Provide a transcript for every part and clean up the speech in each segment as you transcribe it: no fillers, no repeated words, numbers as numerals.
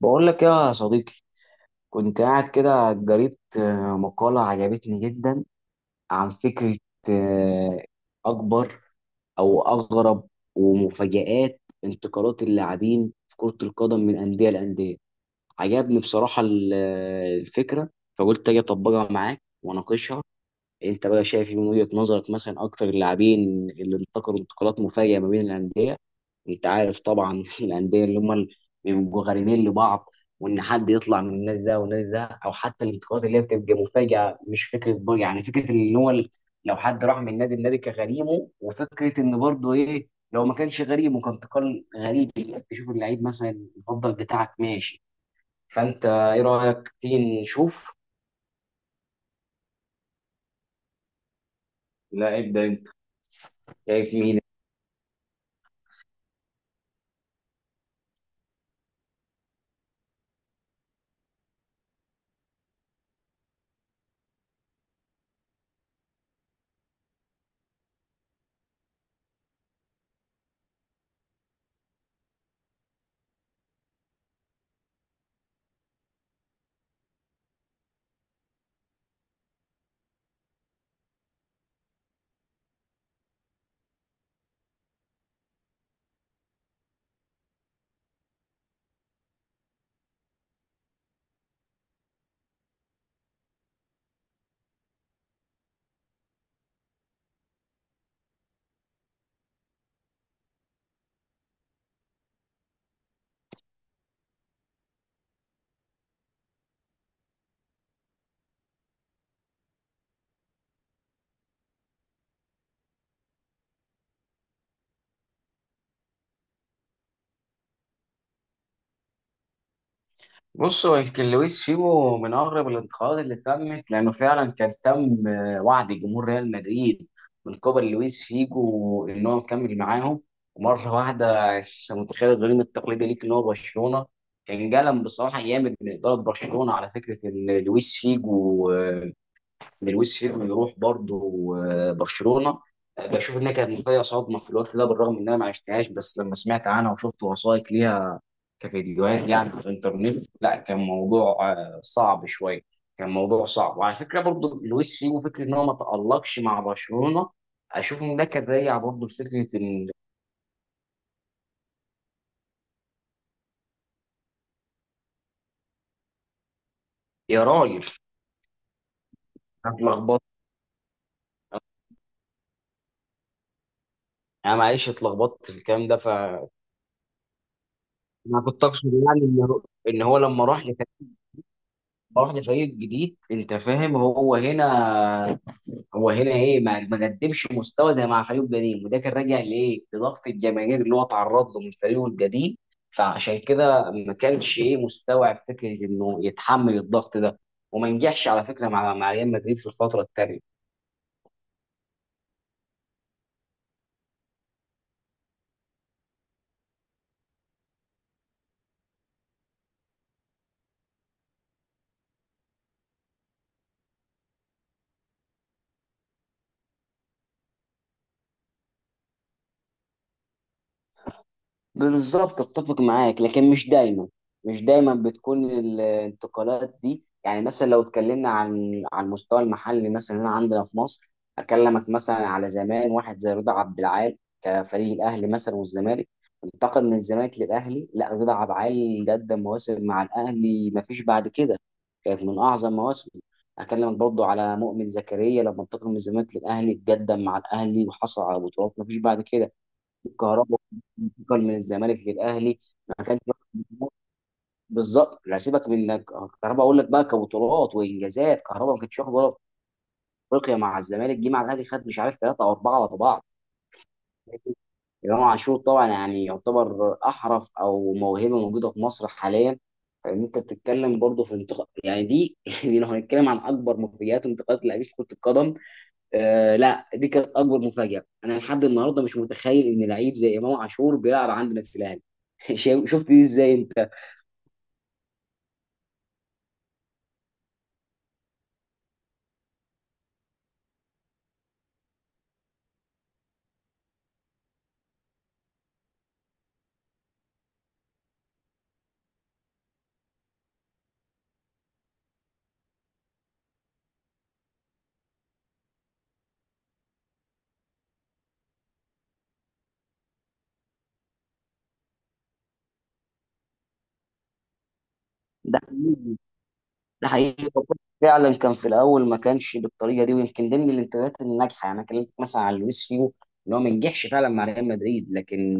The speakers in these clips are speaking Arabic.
بقول لك يا صديقي. كنت قاعد كده قريت مقالة عجبتني جدا عن فكرة آه، أكبر أو أغرب ومفاجآت انتقالات اللاعبين في كرة القدم من أندية لأندية. عجبني بصراحة الفكرة، فقلت أجي أطبقها معاك وأناقشها. انت بقى شايف من وجهة نظرك مثلا اكتر اللاعبين اللي انتقلوا انتقالات مفاجئة ما بين الأندية؟ انت عارف طبعا الأندية اللي هم اللي بيبقوا غريمين لبعض، وان حد يطلع من النادي ده والنادي ده، او حتى الانتقالات اللي هي بتبقى مفاجئة، مش فكرة فكرة ان هو لو حد راح من نادي النادي كغريمه، وفكرة ان برضه ايه لو ما كانش غريم وكان انتقال غريب، تشوف اللعيب مثلا المفضل بتاعك ماشي. فانت ايه رأيك تيجي نشوف؟ لا ابدأ انت. شايف مين؟ بص، هو يمكن لويس فيجو من اغرب الانتقادات اللي تمت، لانه فعلا كان تم وعد جمهور ريال مدريد من قبل لويس فيجو ان هو مكمل معاهم، ومره واحده انت متخيل الغريم التقليدي ليك ان هو برشلونه. كان جلم بصراحه جامد من اداره برشلونه على فكره ان لويس فيجو ان لويس فيجو يروح برضه برشلونه. بشوف انها كانت فيها صدمه في الوقت ده، بالرغم ان انا ما عشتهاش، بس لما سمعت عنها وشفت وثائق ليها كفيديوهات يعني على الانترنت، لا كان موضوع صعب شويه. كان موضوع صعب. وعلى فكره برضو لويس فيجو فكره ان هو ما تالقش مع برشلونه، اشوف ان ده كان راجع برضو لفكره ان يا راجل، أنا اتلخبطت. انا معلش اتلخبطت في الكلام ده، ف انا كنت اقصد يعني ان هو لما راح راح لفريق جديد، انت فاهم، هو هنا، هو هنا ايه، ما قدمش مستوى زي مع فريقه القديم، وده كان راجع لايه؟ لضغط الجماهير اللي هو اتعرض له من فريقه القديم. فعشان كده ما كانش ايه مستوعب فكره انه يتحمل الضغط ده، وما نجحش على فكره مع ريال مدريد في الفتره الثانيه. بالظبط اتفق معاك، لكن مش دايما، مش دايما بتكون الانتقالات دي يعني. مثلا لو اتكلمنا عن على المستوى المحلي مثلا هنا عندنا في مصر، اكلمك مثلا على زمان واحد زي رضا عبد العال كفريق الاهلي مثلا والزمالك. انتقل من الزمالك للاهلي، لا رضا عبد العال قدم مواسم مع الاهلي ما فيش بعد كده، كانت من اعظم مواسمه. اكلمك برضو على مؤمن زكريا لما انتقل من الزمالك للاهلي، قدم مع الاهلي وحصل على بطولات ما فيش بعد كده. الكهرباء انتقل من الزمالك للاهلي، ما كانش بالظبط. لا سيبك من انك، كهرباء اقول لك بقى، كبطولات وانجازات كهرباء ما كانش واخد ولا افريقيا مع الزمالك، جه مع الاهلي خد مش عارف ثلاثه او اربعه ورا بعض. امام عاشور طبعا يعني يعتبر احرف او موهبه موجوده في مصر حاليا، فان انت بتتكلم برضه في انتقال يعني دي لو هنتكلم عن اكبر مفاجآت انتقالات لاعبين في كره القدم، آه لا دي كانت اكبر مفاجاه. انا لحد النهارده مش متخيل ان لعيب زي امام عاشور بيلعب عندنا في الاهلي. شفت دي ازاي انت؟ ده حقيقي، ده حقيقي. فعلا كان في الاول ما كانش بالطريقه دي، ويمكن ضمن الانتقادات الناجحه يعني. انا كلمتك مثلا عن لويس فيجو ان هو ما نجحش فعلا مع ريال مدريد، لكن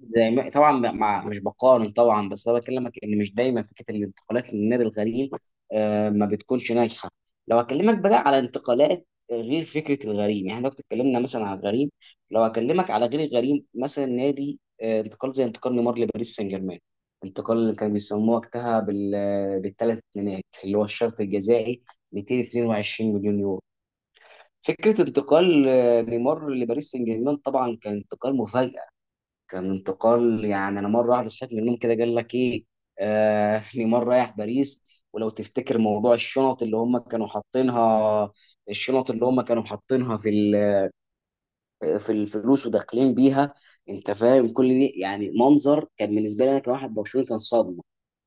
زي ما طبعا ب- مع مش بقارن طبعا، بس انا بكلمك ان مش دايما فكره الانتقالات للنادي الغريم ما بتكونش ناجحه. لو اكلمك بقى على انتقالات غير فكره الغريم، يعني احنا دلوقتي اتكلمنا مثلا على الغريم، لو اكلمك على غير الغريم، مثلا نادي انتقال زي انتقال نيمار لباريس سان جيرمان. انتقال اللي كانوا بيسموه وقتها بال، بالثلاث اتنينات اللي هو الشرط الجزائي، 222 مليون يورو. فكره انتقال نيمار لباريس سان جيرمان طبعا كان انتقال مفاجئ. كان انتقال يعني انا مره واحده صحيت من النوم كده، قال لك ايه؟ آه نيمار رايح باريس. ولو تفتكر موضوع الشنط اللي هم كانوا حاطينها، الشنط اللي هم كانوا حاطينها في في الفلوس وداخلين بيها، انت فاهم. كل دي يعني منظر كان بالنسبه لي انا كواحد برشلوني كان صدمه.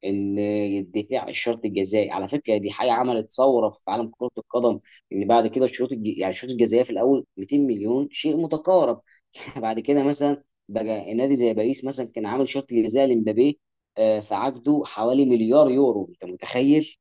ان الدفاع الشرط الجزائي على فكره دي حاجه عملت ثوره في عالم كره القدم، ان بعد كده الشروط الجزائيه في الاول 200 مليون شيء متقارب. بعد كده مثلا بقى النادي زي باريس مثلا كان عامل شرط جزائي لمبابي في عقده حوالي مليار يورو، انت متخيل؟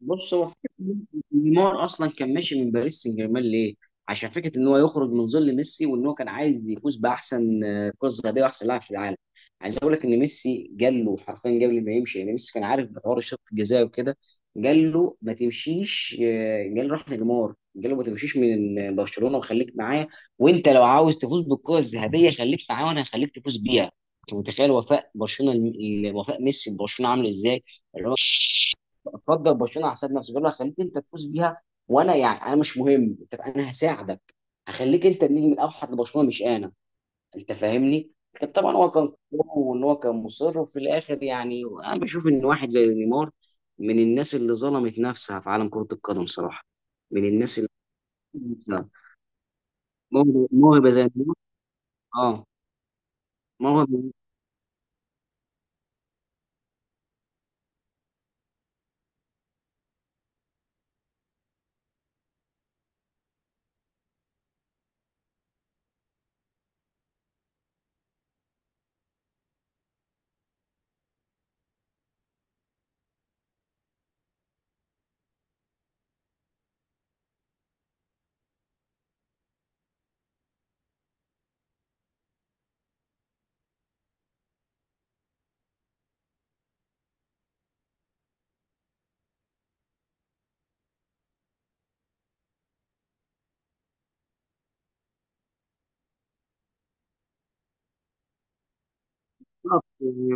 بص، هو فكرة نيمار اصلا كان ماشي من باريس سان جيرمان ليه؟ عشان فكره ان هو يخرج من ظل ميسي، وان هو كان عايز يفوز باحسن كره ذهبيه واحسن لاعب في العالم. عايز اقول لك ان ميسي قال له حرفيا قبل ما يمشي، يعني ميسي كان عارف بحوار الشوط الجزائي وكده، قال له ما تمشيش قال له راح نيمار، قال له ما تمشيش من برشلونه وخليك معايا، وانت لو عاوز تفوز بالكره الذهبيه خليك معايا وانا هخليك تفوز بيها. انت متخيل وفاء برشلونه، وفاء ميسي ببرشلونه عامل ازاي؟ اللي هو فضل برشلونه على حساب نفسه، قال له هخليك انت تفوز بيها، وانا يعني انا مش مهم، انت انا هساعدك، هخليك انت النجم الاوحد لبرشلونه مش انا. انت فاهمني، كان طبعا هو كان قوي، وان هو كان مصر. وفي الاخر يعني انا بشوف ان واحد زي نيمار من الناس اللي ظلمت نفسها في عالم كره القدم صراحه. من الناس اللي موهبه، موهبة زي نيمار، اه موهبه.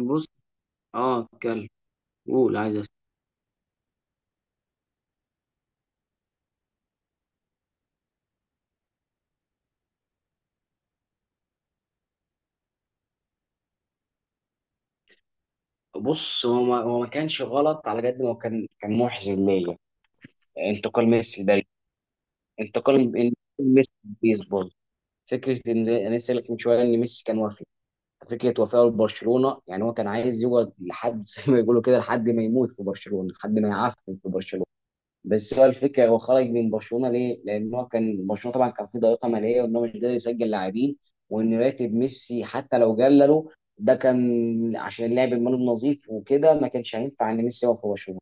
بص، اه اتكلم. قول، عايز أسمع. بص، هو ما هو ما كانش غلط على قد ما هو كان كان محزن ليا، انتقال ميسي لباريس. انتقال ميسي لباريس برضه، فكره ان زي انا لسه قايل لك من شويه ان ميسي كان وافي. فكره وفاه لبرشلونه، يعني هو كان عايز يقعد لحد زي ما بيقولوا كده لحد ما يموت في برشلونه، لحد ما يعفن في برشلونه. بس هو الفكره، هو خرج من برشلونه ليه؟ لان هو كان برشلونه طبعا كان في ضغيطه ماليه، وان هو مش قادر يسجل لاعبين، وان راتب ميسي حتى لو قلله ده كان عشان اللعب المالي النظيف وكده، ما كانش هينفع ان ميسي يقف في برشلونه.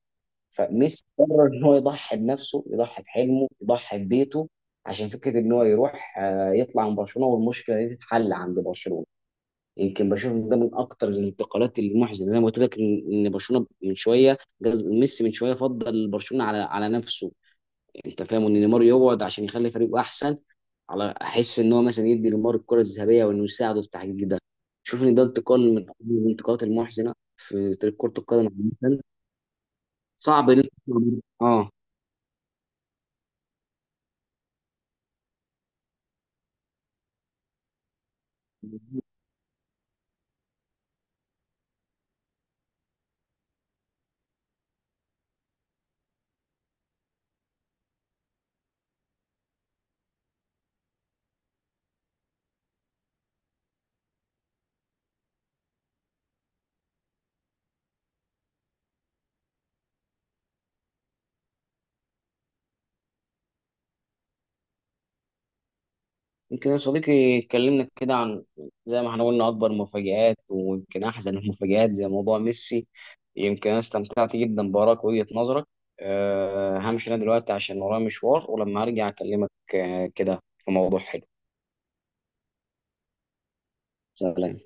فميسي قرر ان هو يضحي بنفسه، يضحي بحلمه، يضحي ببيته، عشان فكره ان هو يروح يطلع من برشلونه والمشكله دي تتحل عند برشلونه. يمكن بشوف إن ده من اكتر الانتقالات المحزنه، زي ما قلت لك ان إن برشلونه من شويه جاز- ميسي من شويه فضل برشلونه على نفسه، يعني انت فاهم. ان نيمار يقعد عشان يخلي فريقه احسن، على احس ان هو مثلا يدي نيمار الكره الذهبيه وانه يساعده في تحقيق ده. شوف ان ده انتقال من الانتقالات المحزنه في تاريخ كره القدم عامه. صعب ان يمكن يا صديقي اتكلمنا كده عن، زي ما احنا قلنا، اكبر مفاجآت ويمكن احزن المفاجآت زي موضوع ميسي. يمكن انا استمتعت جدا بارائك وجهة نظرك. أه همشي انا دلوقتي عشان ورايا مشوار، ولما ارجع اكلمك كده في موضوع حلو. سلام.